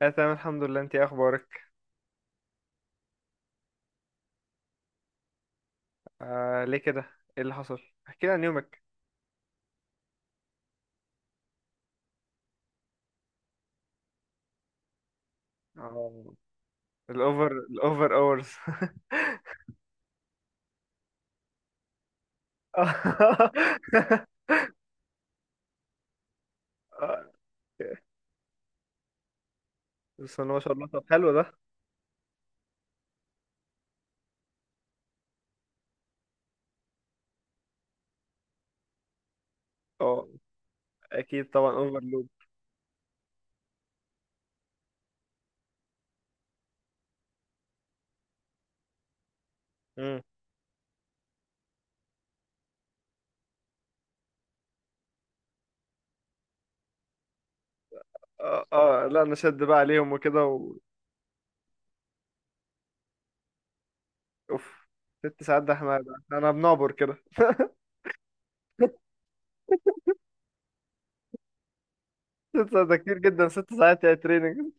لا، تمام الحمد لله. انتي ايه اخبارك؟ آه، ليه كده؟ ايه اللي حصل؟ احكي لي عن يومك. اه، الاوفر اورز. آه. بس ما شاء الله، طب حلو ده. اه اكيد طبعا، اوفرلود. امم. اه اه، لا انا شد بقى عليهم وكده و... اوف. ست ساعات ده؟ احنا ده انا بنعبر كده. ست ساعات ده كتير جدا، ست ساعات يا تريننج!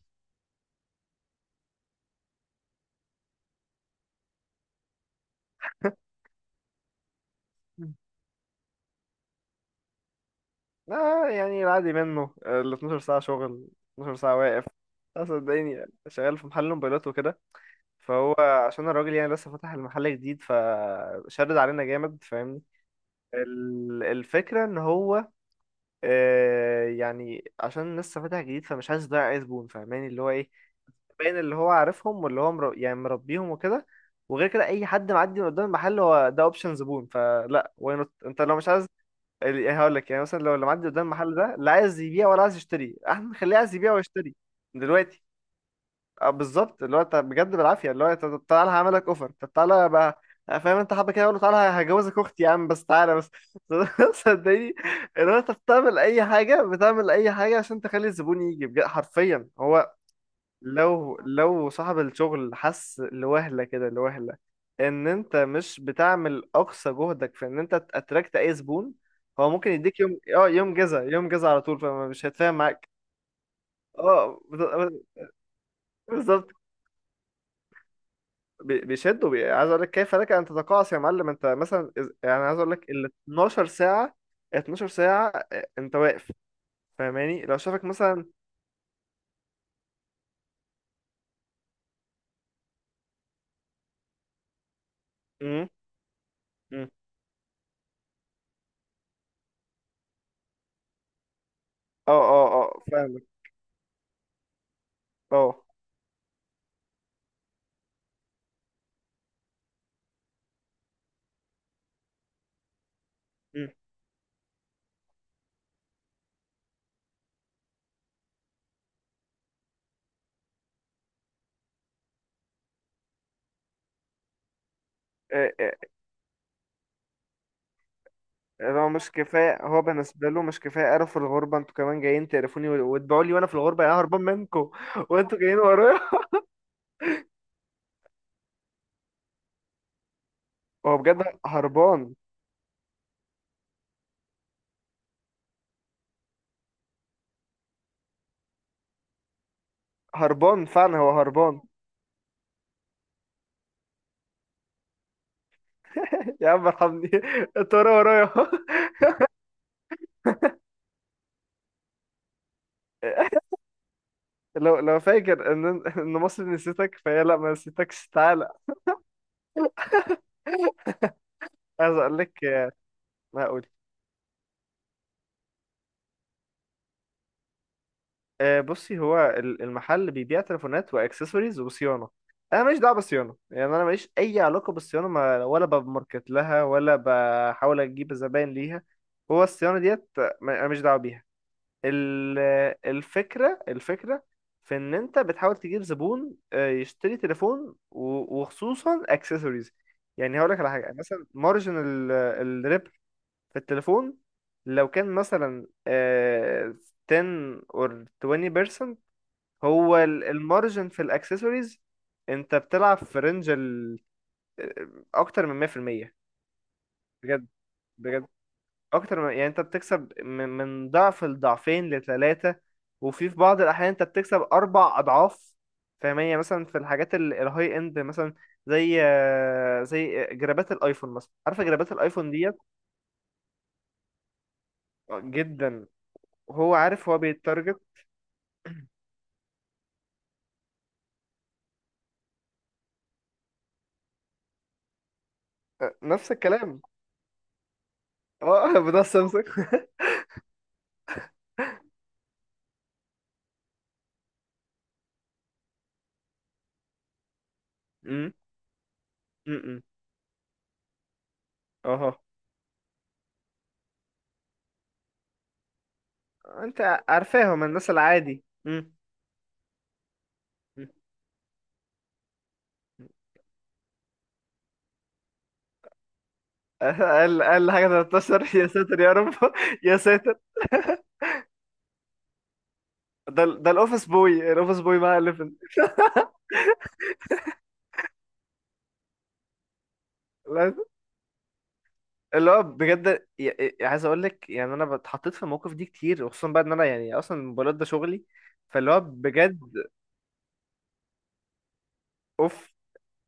اه، يعني العادي منه ال 12 ساعة شغل، 12 ساعة واقف. اه صدقيني، شغال في محل موبايلات وكده. فهو عشان الراجل يعني لسه فاتح المحل جديد فشدد علينا جامد، فاهمني؟ الفكرة ان هو، يعني عشان لسه فاتح جديد فمش عايز يضيع اي زبون، فاهماني؟ اللي هو ايه، باين اللي هو عارفهم، واللي هو يعني مربيهم وكده. وغير كده اي حد معدي من قدام المحل هو ده اوبشن زبون، فلا واي نوت. انت لو مش عايز يعني هقول لك، يعني مثلا لو اللي معدي قدام المحل ده لا عايز يبيع ولا عايز يشتري، احنا نخليه عايز يبيع ويشتري دلوقتي. اه بالظبط، اللي هو انت بجد بالعافيه، اللي هو انت طب تعالى هعمل لك اوفر، طب تعالى بقى. فاهم، انت حابه كده؟ اقول له تعالى هجوزك اختي يا عم، بس تعالى بس. صدقني، اللي هو انت بتعمل اي حاجه، بتعمل اي حاجه عشان تخلي الزبون يجي، بجد حرفيا. هو لو صاحب الشغل حس لوهله كده، لوهله ان انت مش بتعمل اقصى جهدك في ان انت تاتراكت اي زبون، هو ممكن يديك يوم، يوم جزا، يوم جزا على طول، فمش هيتفاهم معاك. اه بت- بالظبط. بيشدوا. عايز اقول لك كيف لك ان تتقاعس يا معلم؟ انت مثلا يعني عايز اقول لك ال 12 ساعه، 12 ساعه، انت واقف. فاهماني؟ لو شافك مثلا... امم. امم. اه اه اه، فاهمك. اه. امم. آه، آه، لو مش كفايه هو بالنسبه له، مش كفايه قرف الغربه، انتوا كمان جايين تقرفوني و- وتبيعوا لي وانا في الغربه؟ يعني أنا هربان منكم وانتوا جايين ورايا. هو بجد هربان. هربان فعلا، هو هربان. يا عم ارحمني، انت ورايا ورايا. لو فاكر ان ان مصر نسيتك، فهي لا ما نسيتكش، تعالى. عايز اقول لك. هقول. بصي، هو المحل بيبيع تليفونات واكسسوارز وصيانه. انا ماليش دعوه بالصيانه، يعني انا ماليش اي علاقه بالصيانه، ما ولا بماركت لها ولا بحاول اجيب زباين ليها. هو الصيانه ديت، انا ماليش دعوه بيها. ال- الفكرة في ان انت بتحاول تجيب زبون يشتري تليفون، و- وخصوصا اكسسوارز. يعني هقول لك على حاجة، مثلا مارجن الربح في التليفون لو كان مثلا 10 or 20%، هو المارجن في الاكسسوارز انت بتلعب في رينج آه، اكتر من 100%. بجد بجد، اكتر من يعني انت بتكسب من ضعف لضعفين لثلاثة، وفي بعض الاحيان انت بتكسب اربع اضعاف. فاهمانية؟ مثلا في الحاجات الهاي اند مثلا، زي جرابات الايفون مثلا. عارفة جرابات الايفون ديت؟ جدا. وهو عارف، هو بيتارجت. نفس الكلام. اه، بتاع سامسونج. أمم، أمم. اها، انت عارفاهم الناس العادي. أمم. أمم. اقل اقل حاجة 13؟ يا ساتر يا رب. يا ساتر. ده ده الاوفيس بوي مع الليفن. لا- اللي هو بجد يعني عايز اقول لك، يعني انا اتحطيت في المواقف دي كتير، وخصوصا بقى ان انا يعني اصلا الموبايلات ده شغلي، فاللي هو بجد اوف!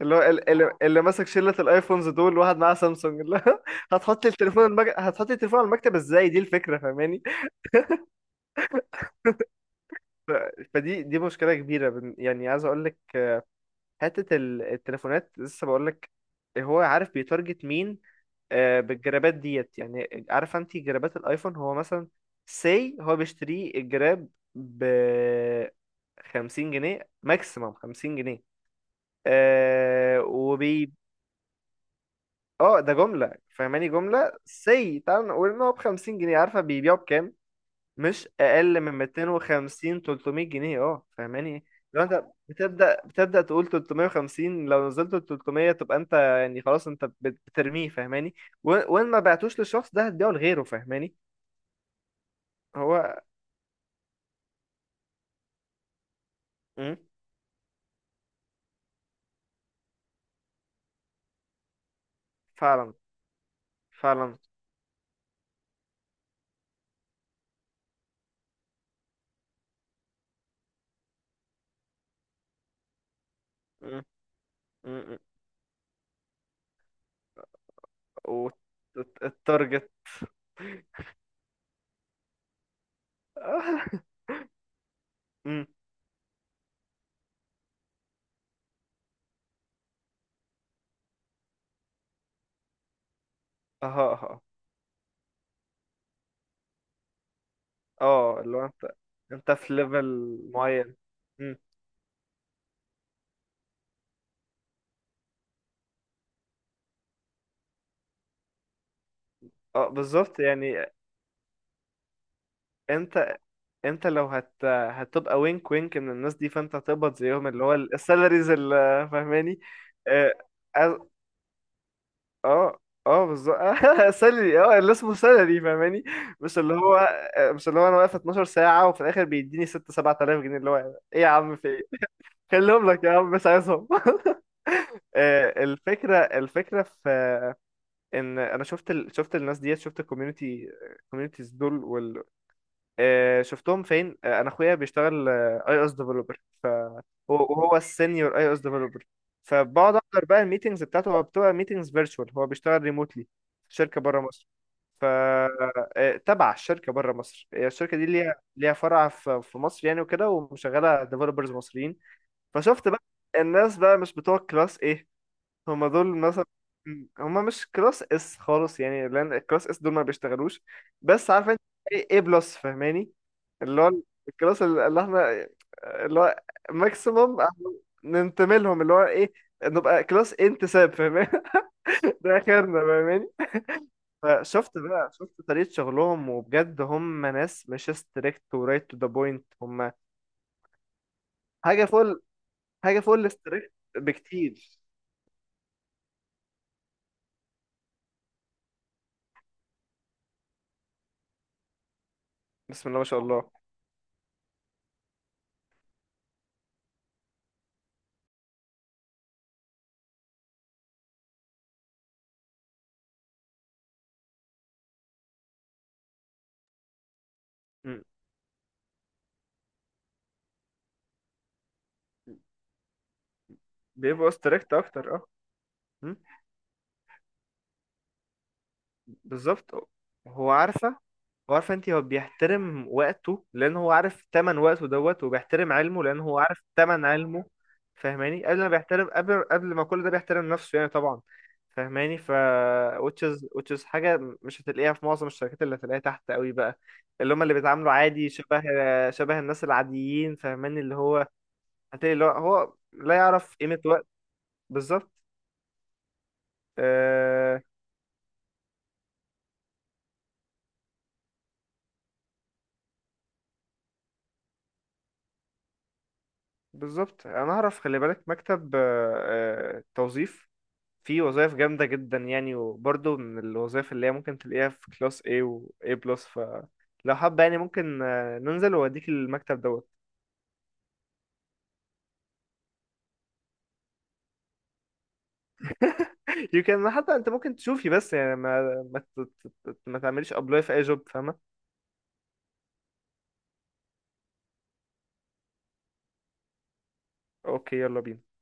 اللي هو اللي ماسك شله الايفونز دول، واحد معاه سامسونج، اللي هو هتحط التليفون على المكتب ازاي؟ دي الفكره فاهماني؟ ف... فدي مشكله كبيره، يعني عايز اقول لك. حته التليفونات، لسه بقول لك، هو عارف بيتارجت مين بالجرابات ديت، يعني عارفه انت جرابات الايفون؟ هو مثلا، سي هو بيشتري الجراب ب 50 جنيه، ماكسيمم 50 جنيه. آه وبي اه، ده جمله فاهماني، جمله سي. تعال نقول ان هو ب 50 جنيه، عارفه بيبيعه بكام؟ مش اقل من 250، 300 جنيه، فاهماني؟ لو انت بتبدا، تقول 350، لو نزلت ال 300 تبقى انت يعني خلاص انت بترميه، فاهماني. و- وان ما بعتوش للشخص ده هتبيعه لغيره، فاهماني. هو. مم. فعلا فعلا. مم. مم. مم. والتارجت. مم. اها اها. اه، اللي هو انت في ليفل معين. مم. اه بالظبط، يعني انت انت لو هتبقى وينك وينك من الناس دي، فانت هتقبض زيهم، اللي هو السالاريز، اللي فاهماني. اه اه اه. بالظبط، سالري، اللي اسمه سالري فاهماني، مش اللي هو مش اللي هو انا واقف 12 ساعة وفي الاخر بيديني 6 7000 جنيه، اللي هو ايه يا عم، في ايه؟ خليهم لك يا عم، مش عايزهم. الفكرة في ان انا شفت الناس ديت، شفت الكوميونتي، الكوميونتيز دول شفتهم فين. انا اخويا بيشتغل اي اس ديفلوبر، وهو السينيور اي او اس ديفلوبر، فبقعد احضر بقى الميتنجز بتاعته. هو بتبقى ميتنجز فيرتشوال، هو بيشتغل ريموتلي في شركه بره مصر. ف تبع الشركه بره مصر، هي الشركه دي ليها فرع في مصر يعني وكده، ومشغله ديفلوبرز مصريين. فشفت بقى الناس بقى مش بتوع كلاس ايه، هما دول مثلا، هما مش كلاس اس خالص، يعني لان الكلاس اس دول ما بيشتغلوش. بس عارف انت ايه؟ بلس فاهماني. اللي هو الكلاس اللي احنا، اللي هو ماكسيموم ننتمي لهم، اللي هو ايه؟ نبقى كلاس انتساب فاهماني. ده اخرنا فاهماني. فشفت بقى شفت طريقة شغلهم، وبجد هم ناس مش ستريكت ورايت تو ذا بوينت، هم حاجة فوق الستريكت بكتير. بسم الله ما شاء الله. مم. بيبقوا ستريكت اكتر. مم؟ بالظبط، هو عارفه. هو عارفه، انت هو بيحترم وقته لان هو عارف تمن وقته دوت، وبيحترم علمه لان هو عارف تمن علمه. فاهماني؟ قبل ما بيحترم، قبل ما كل ده، بيحترم نفسه يعني طبعا. فاهماني؟ Which is حاجه مش هتلاقيها في معظم الشركات، اللي هتلاقيها تحت قوي بقى، اللي هم اللي بيتعاملوا عادي، شبه الناس العاديين، فاهماني؟ اللي هو هتلاقي اللي هو لا يعرف قيمه وقت. بالظبط. آه، بالظبط، انا اعرف خلي بالك، مكتب توظيف، فيه وظائف جامده جدا يعني، وبرضه من الوظائف اللي هي ممكن تلاقيها في كلاس A و A بلس. فلو حابه، يعني ممكن ننزل واديك المكتب دوت. يمكن حتى انت ممكن تشوفي بس، يعني ما ما تعمليش ابلاي في اي جوب، فاهمه؟ اوكي، يلا بينا.